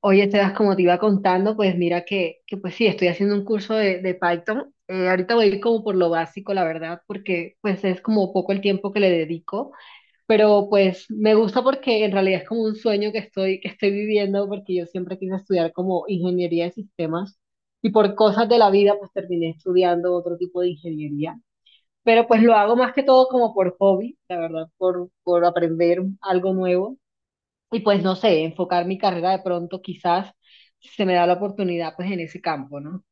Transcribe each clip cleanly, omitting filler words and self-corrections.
Oye, Esteban, como te iba contando, pues mira que pues sí, estoy haciendo un curso de Python. Ahorita voy a ir como por lo básico, la verdad, porque pues es como poco el tiempo que le dedico, pero pues me gusta porque en realidad es como un sueño que estoy viviendo, porque yo siempre quise estudiar como ingeniería de sistemas y por cosas de la vida pues terminé estudiando otro tipo de ingeniería, pero pues lo hago más que todo como por hobby, la verdad, por aprender algo nuevo. Y pues no sé, enfocar mi carrera de pronto quizás si se me da la oportunidad pues en ese campo, ¿no?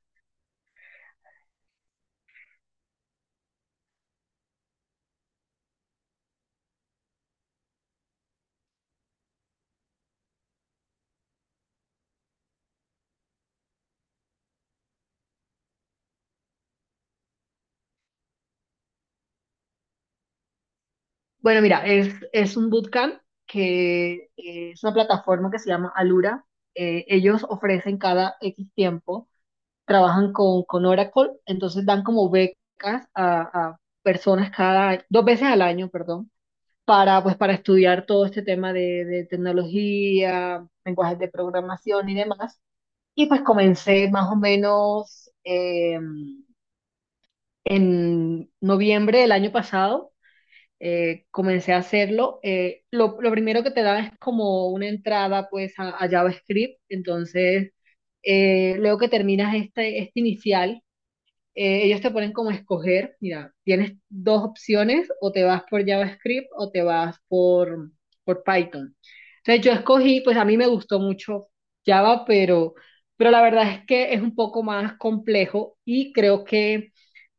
Bueno, mira, es un bootcamp que es una plataforma que se llama Alura. Ellos ofrecen cada X tiempo, trabajan con Oracle, entonces dan como becas a personas cada, dos veces al año, perdón, para pues para estudiar todo este tema de tecnología, lenguajes de programación y demás. Y pues comencé más o menos. En noviembre del año pasado comencé a hacerlo. Lo primero que te da es como una entrada pues a JavaScript. Entonces, luego que terminas este inicial, ellos te ponen como a escoger, mira, tienes dos opciones, o te vas por JavaScript o te vas por Python. Entonces yo escogí, pues a mí me gustó mucho Java, pero la verdad es que es un poco más complejo y creo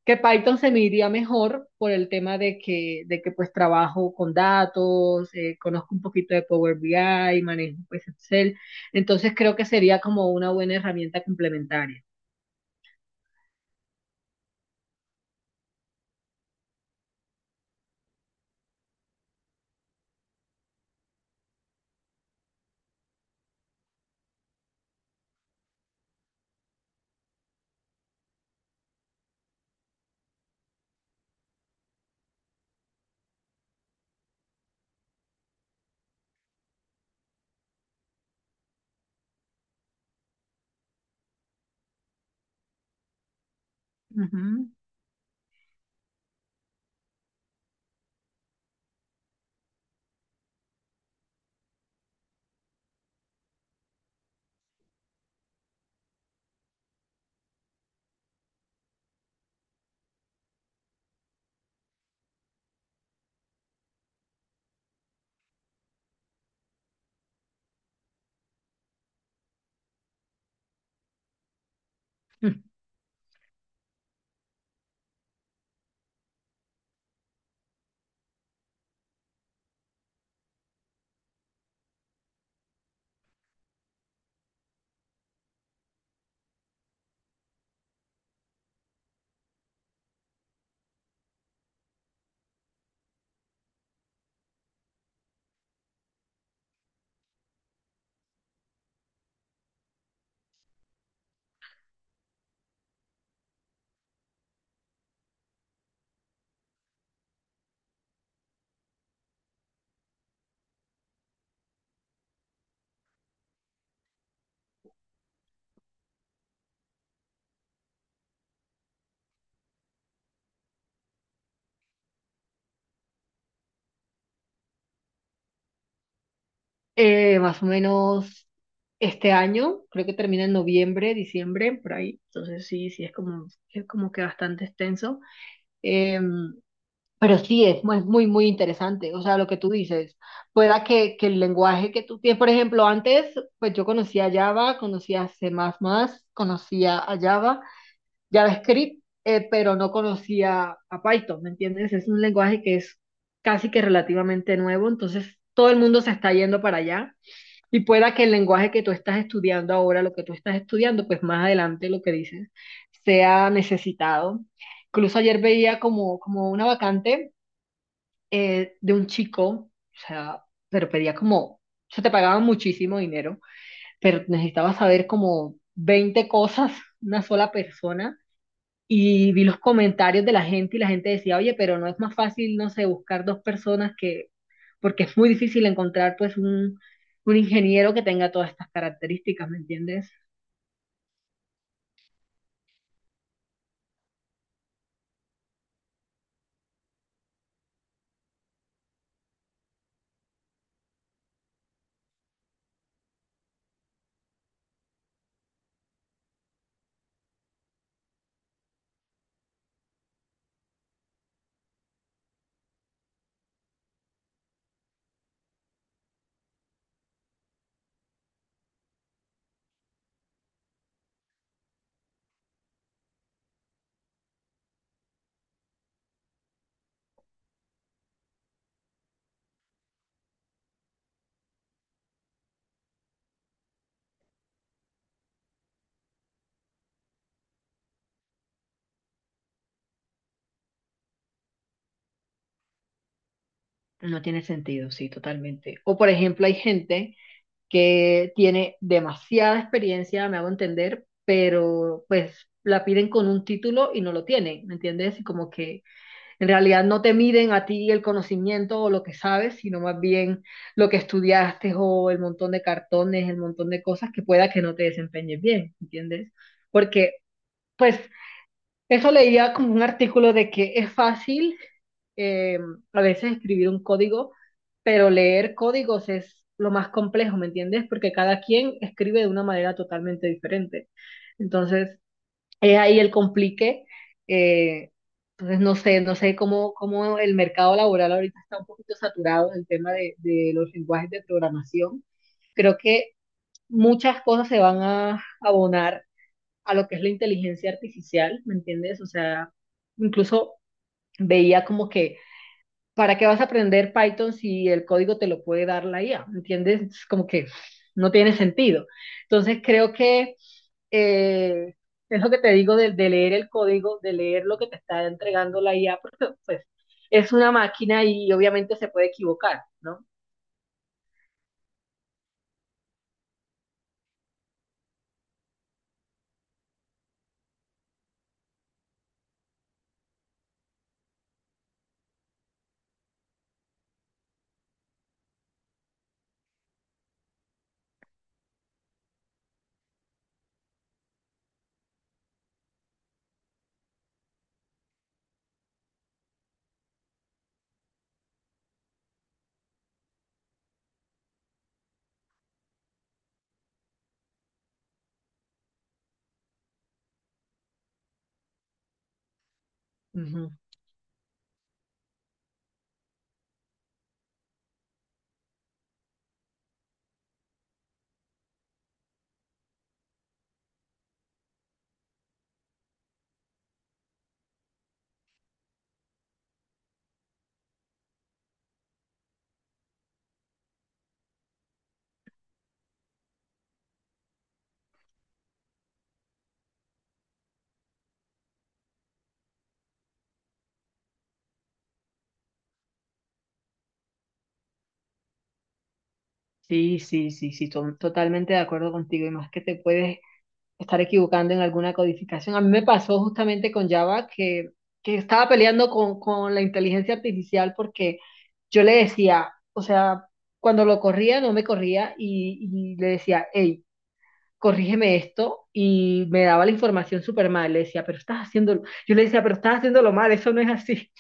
que Python se me iría mejor por el tema de que pues trabajo con datos, conozco un poquito de Power BI, manejo pues Excel, entonces creo que sería como una buena herramienta complementaria. Ujú. Más o menos este año, creo que termina en noviembre, diciembre, por ahí, entonces sí, sí es es como que bastante extenso. Em, Pero sí, es muy, muy, muy interesante, o sea, lo que tú dices, que el lenguaje que tú tienes, por ejemplo, antes, pues yo conocía Java, conocía C++, conocía a Java, JavaScript, pero no conocía a Python, ¿me entiendes? Es un lenguaje que es casi que relativamente nuevo, entonces todo el mundo se está yendo para allá y pueda que el lenguaje que tú estás estudiando ahora, lo que tú estás estudiando, pues más adelante lo que dices, sea necesitado. Incluso ayer veía como una vacante de un chico, o sea, pero pedía como, o sea, te pagaban muchísimo dinero, pero necesitaba saber como 20 cosas, una sola persona, y vi los comentarios de la gente y la gente decía, oye, pero no es más fácil, no sé, buscar 2 personas que, porque es muy difícil encontrar pues un ingeniero que tenga todas estas características, ¿me entiendes? No tiene sentido, sí, totalmente. O por ejemplo, hay gente que tiene demasiada experiencia, me hago entender, pero pues la piden con un título y no lo tienen, ¿me entiendes? Y como que en realidad no te miden a ti el conocimiento o lo que sabes, sino más bien lo que estudiaste o el montón de cartones, el montón de cosas que pueda que no te desempeñes bien, ¿me ¿entiendes? Porque pues eso leía como un artículo de que es fácil eh, a veces escribir un código, pero leer códigos es lo más complejo, ¿me entiendes? Porque cada quien escribe de una manera totalmente diferente. Entonces, es ahí el complique. eh, entonces, no sé, no sé cómo, cómo el mercado laboral ahorita está un poquito saturado en el tema de los lenguajes de programación. Creo que muchas cosas se van a abonar a lo que es la inteligencia artificial, ¿me entiendes? O sea, incluso veía como que, ¿para qué vas a aprender Python si el código te lo puede dar la IA? ¿Me entiendes? Es como que no tiene sentido. Entonces creo que eh, es lo que te digo de leer el código, de leer lo que te está entregando la IA, porque pues es una máquina y obviamente se puede equivocar, ¿no? Ujú. Sí, sí, sí, sí, totalmente de acuerdo contigo. Y más que te puedes estar equivocando en alguna codificación. A mí me pasó justamente con Java, que estaba peleando con la inteligencia artificial porque yo le decía, o sea, cuando lo corría no me corría y le decía, hey, corrígeme esto y me daba la información súper mal. Le decía, pero estás haciéndolo, yo le decía, pero estás haciéndolo mal, eso no es así.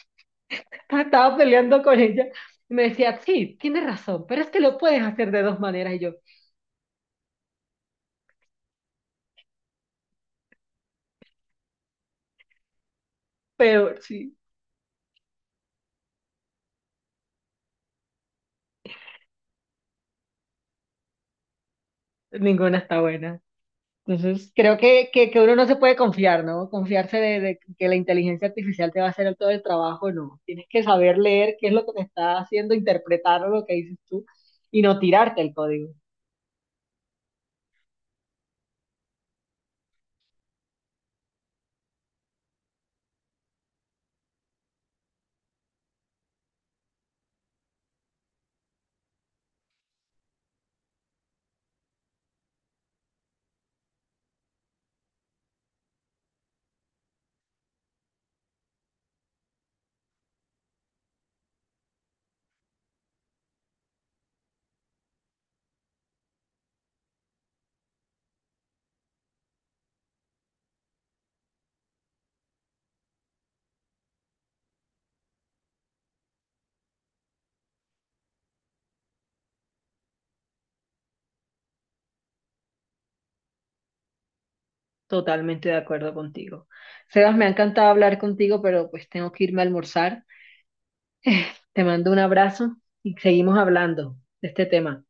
Estaba peleando con ella y me decía, sí, tienes razón, pero es que lo puedes hacer de dos maneras y yo, pero sí, ninguna está buena. Entonces, creo que uno no se puede confiar, ¿no? Confiarse de que la inteligencia artificial te va a hacer todo el trabajo, no. Tienes que saber leer qué es lo que te está haciendo, interpretar lo que dices tú y no tirarte el código. Totalmente de acuerdo contigo. Sebas, me ha encantado hablar contigo, pero pues tengo que irme a almorzar. Te mando un abrazo y seguimos hablando de este tema.